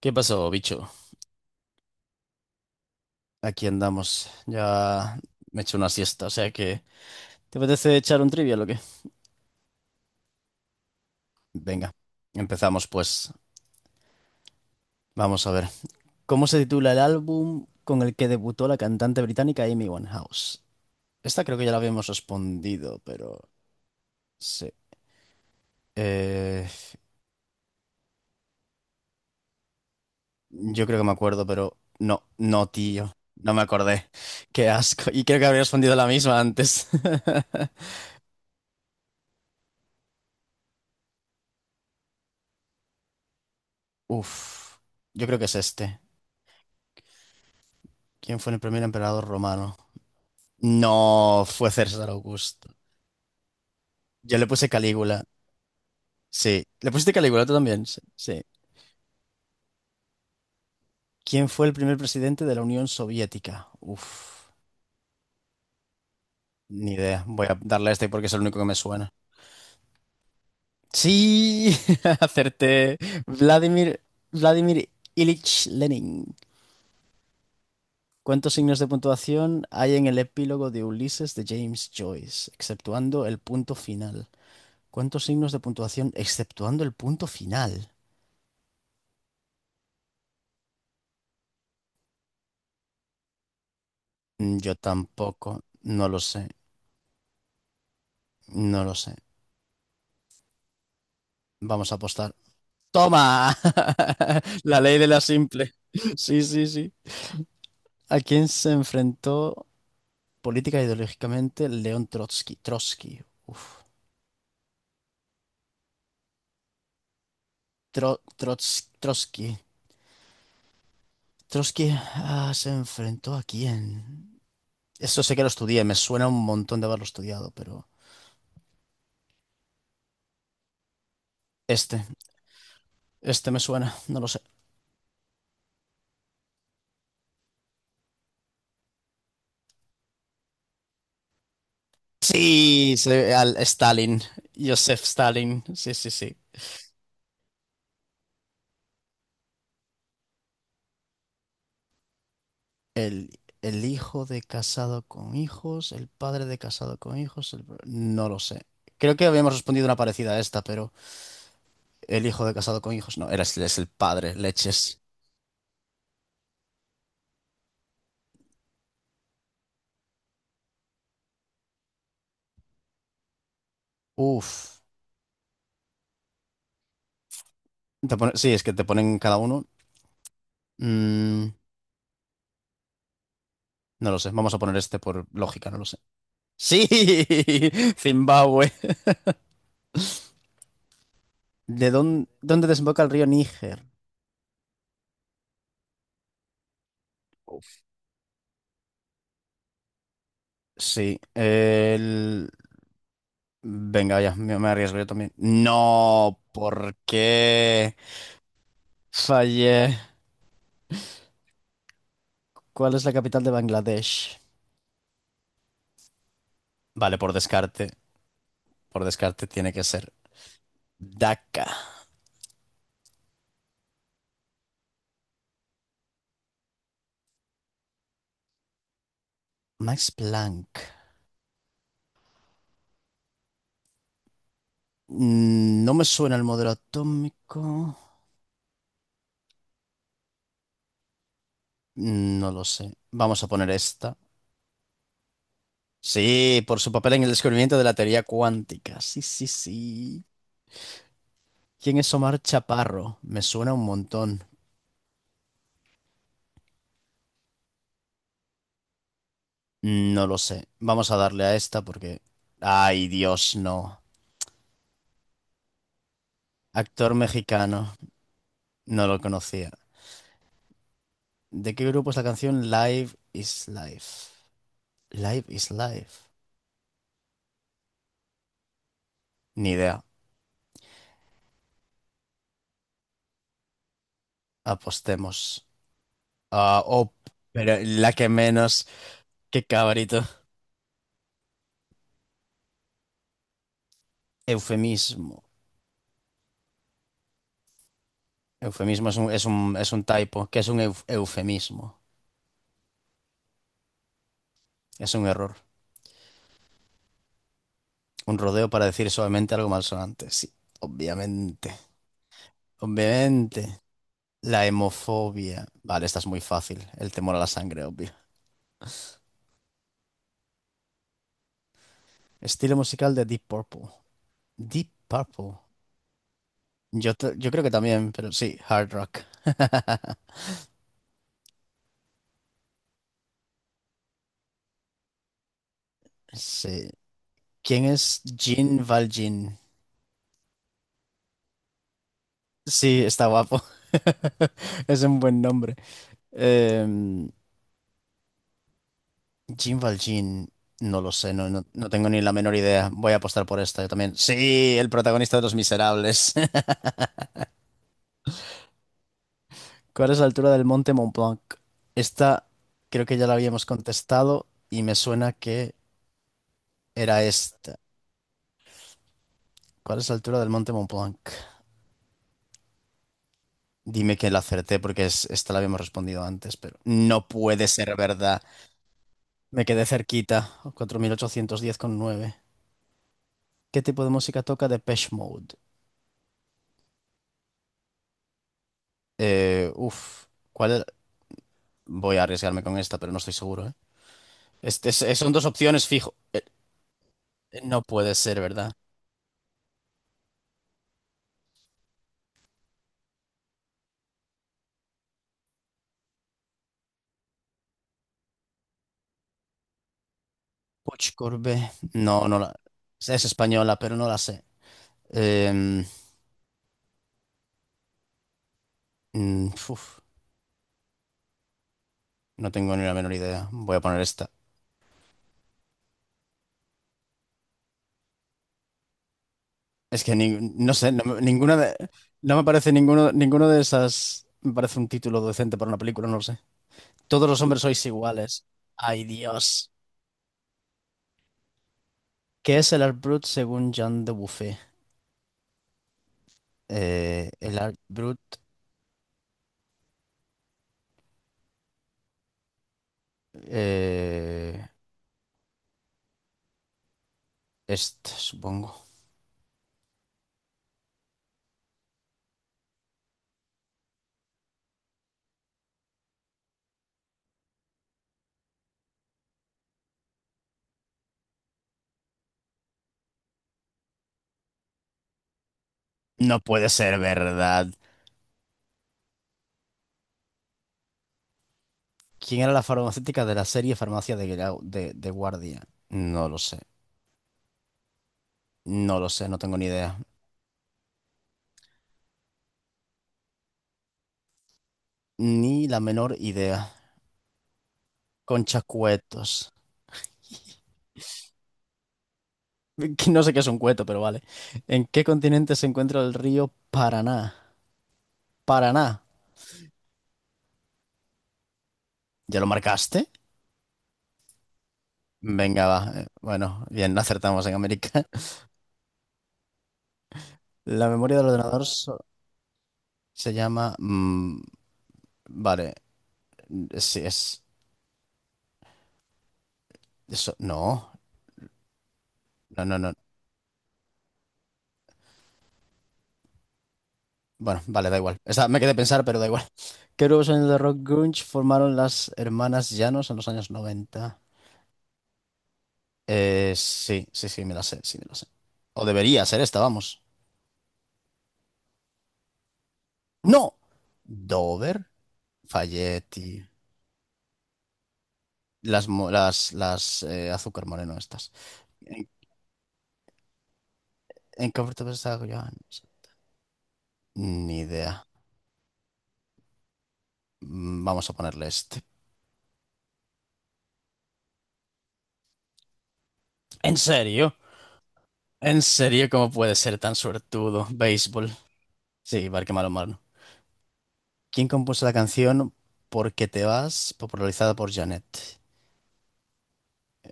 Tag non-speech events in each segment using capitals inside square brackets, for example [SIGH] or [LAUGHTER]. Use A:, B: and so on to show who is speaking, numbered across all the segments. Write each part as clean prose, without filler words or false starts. A: ¿Qué pasó, bicho? Aquí andamos. Ya me he hecho una siesta, o sea que... ¿Te apetece echar un trivia o qué? Venga, empezamos pues. Vamos a ver. ¿Cómo se titula el álbum con el que debutó la cantante británica Amy Winehouse? Esta creo que ya la habíamos respondido, pero... Sí. Eh, Yo creo que me acuerdo, pero... No, no, tío. No me acordé. [LAUGHS] Qué asco. Y creo que habría respondido la misma antes. [LAUGHS] Uf. Yo creo que es este. ¿Quién fue el primer emperador romano? No fue César Augusto. Yo le puse Calígula. Sí. ¿Le pusiste Calígula tú también? Sí, sí. ¿Quién fue el primer presidente de la Unión Soviética? Uf, ni idea. Voy a darle a este porque es el único que me suena. Sí, [LAUGHS] acerté. Vladimir, Vladimir Ilich Lenin. ¿Cuántos signos de puntuación hay en el epílogo de Ulises de James Joyce, exceptuando el punto final? ¿Cuántos signos de puntuación exceptuando el punto final? Yo tampoco, no lo sé. No lo sé. Vamos a apostar. ¡Toma! [LAUGHS] La ley de la simple. Sí, sí, sí. ¿A quién se enfrentó política e ideológicamente León Trotsky? Trotsky. Uf. Trotsky. Trotsky, ah, ¿se enfrentó a quién? Eso sé que lo estudié. Me suena un montón de haberlo estudiado, pero... Este. Este me suena. No lo sé. Sí, al Stalin. Joseph Stalin. Sí, sí, sí. El hijo de casado con hijos, el padre de casado con hijos, no lo sé. Creo que habíamos respondido una parecida a esta, pero el hijo de casado con hijos, no, era, es el padre, leches. Uf. Sí, es que te ponen cada uno. Mm, no lo sé, vamos a poner este por lógica, no lo sé. Sí, [LAUGHS] Zimbabue. ¿ dónde desemboca el río Níger? Uf. Sí, el... Venga, ya, me arriesgo yo también. No, ¿por qué? Fallé. ¿Cuál es la capital de Bangladesh? Vale, por descarte. Por descarte tiene que ser Dhaka. Max Planck. Mm, no me suena el modelo atómico. Mm, no lo sé. Vamos a poner esta. Sí, por su papel en el descubrimiento de la teoría cuántica. Sí, sí, sí. ¿Quién es Omar Chaparro? Me suena un montón. Mm, no lo sé. Vamos a darle a esta porque... Ay, Dios, no. Actor mexicano. No lo conocía. ¿De qué grupo es la canción Live is Life? Live is Life. Ni idea. Apostemos. Ah, oh, pero la que menos. Qué cabrito. Eufemismo. Eufemismo es un typo. ¿Qué es un eufemismo? Es un error. Un rodeo para decir suavemente algo malsonante. Sí, obviamente. Obviamente. La hemofobia. Vale, esta es muy fácil. El temor a la sangre, obvio. Estilo musical de Deep Purple. Deep Purple. Yo, yo creo que también, pero sí, hard rock. [LAUGHS] Sí. ¿Quién es Jean Valjean? Sí, está guapo. [LAUGHS] Es un buen nombre. Em, Jean Valjean, no lo sé, no tengo ni la menor idea. Voy a apostar por esta yo también. Sí, el protagonista de Los Miserables. [LAUGHS] ¿Cuál es la altura del monte Mont Blanc? Esta creo que ya la habíamos contestado y me suena que era esta. ¿Cuál es la altura del monte Mont Blanc? Dime que la acerté porque es, esta la habíamos respondido antes, pero no puede ser verdad. Me quedé cerquita, 4.810,9. ¿Qué tipo de música toca Depeche Mode? Eh, uf, ¿Cuál era? Voy a arriesgarme con esta, pero no estoy seguro, ¿eh? Este, son dos opciones fijo. No puede ser verdad. Puig Corbé. No, no la... Es española, pero no la sé. Em, mm, uf, no tengo ni la menor idea. Voy a poner esta. Es que no sé, no, ninguna de, no me parece ninguno, ninguno de esas. Me parece un título decente para una película, no lo sé. Todos los hombres sois iguales. Ay, Dios. ¿Qué es el Art Brut según Jean de Buffet? El Art Brut. Eh, este, supongo. No puede ser verdad. ¿Quién era la farmacéutica de la serie Farmacia de Guardia? No lo sé. No lo sé, no tengo ni idea. Ni la menor idea. Concha Cuetos. No sé qué es un cueto, pero vale. ¿En qué continente se encuentra el río Paraná? Paraná. ¿Ya lo marcaste? Venga, va. Bueno, bien, acertamos en América. [LAUGHS] La memoria del ordenador se llama... Mm, vale. Sí, es... Eso. No. No, no, no. Bueno, vale, da igual. Me quedé a pensar, pero da igual. ¿Qué grupo sonido de rock grunge formaron las hermanas Llanos en los años noventa? Sí, sí, sí, me la sé, sí, me la sé. O debería ser esta, vamos. ¡No! ¿Dover? Falletti, las azúcar moreno estas. ¿En, en qué oferta estaba yo antes? Ni idea. Mm, vamos a ponerle este. ¿En serio? ¿En serio cómo puede ser tan suertudo? Béisbol. Sí, Barque malo Marno. ¿Quién compuso la canción Porque te vas, popularizada por Janet?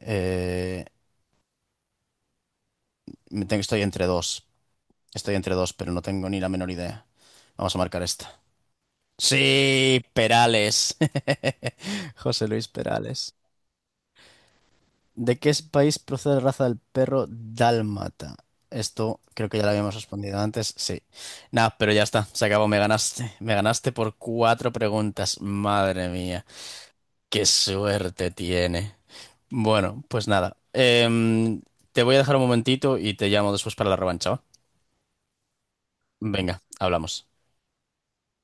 A: Eh, me tengo, estoy entre dos. Estoy entre dos, pero no tengo ni la menor idea. Vamos a marcar esta. Sí, Perales. [LAUGHS] José Luis Perales. ¿De qué país procede la raza del perro dálmata? Esto creo que ya lo habíamos respondido antes, sí. Nada, pero ya está, se acabó, me ganaste. Me ganaste por 4 preguntas, madre mía, qué suerte tiene. Bueno, pues nada, te voy a dejar un momentito y te llamo después para la revancha, ¿va? Venga, hablamos.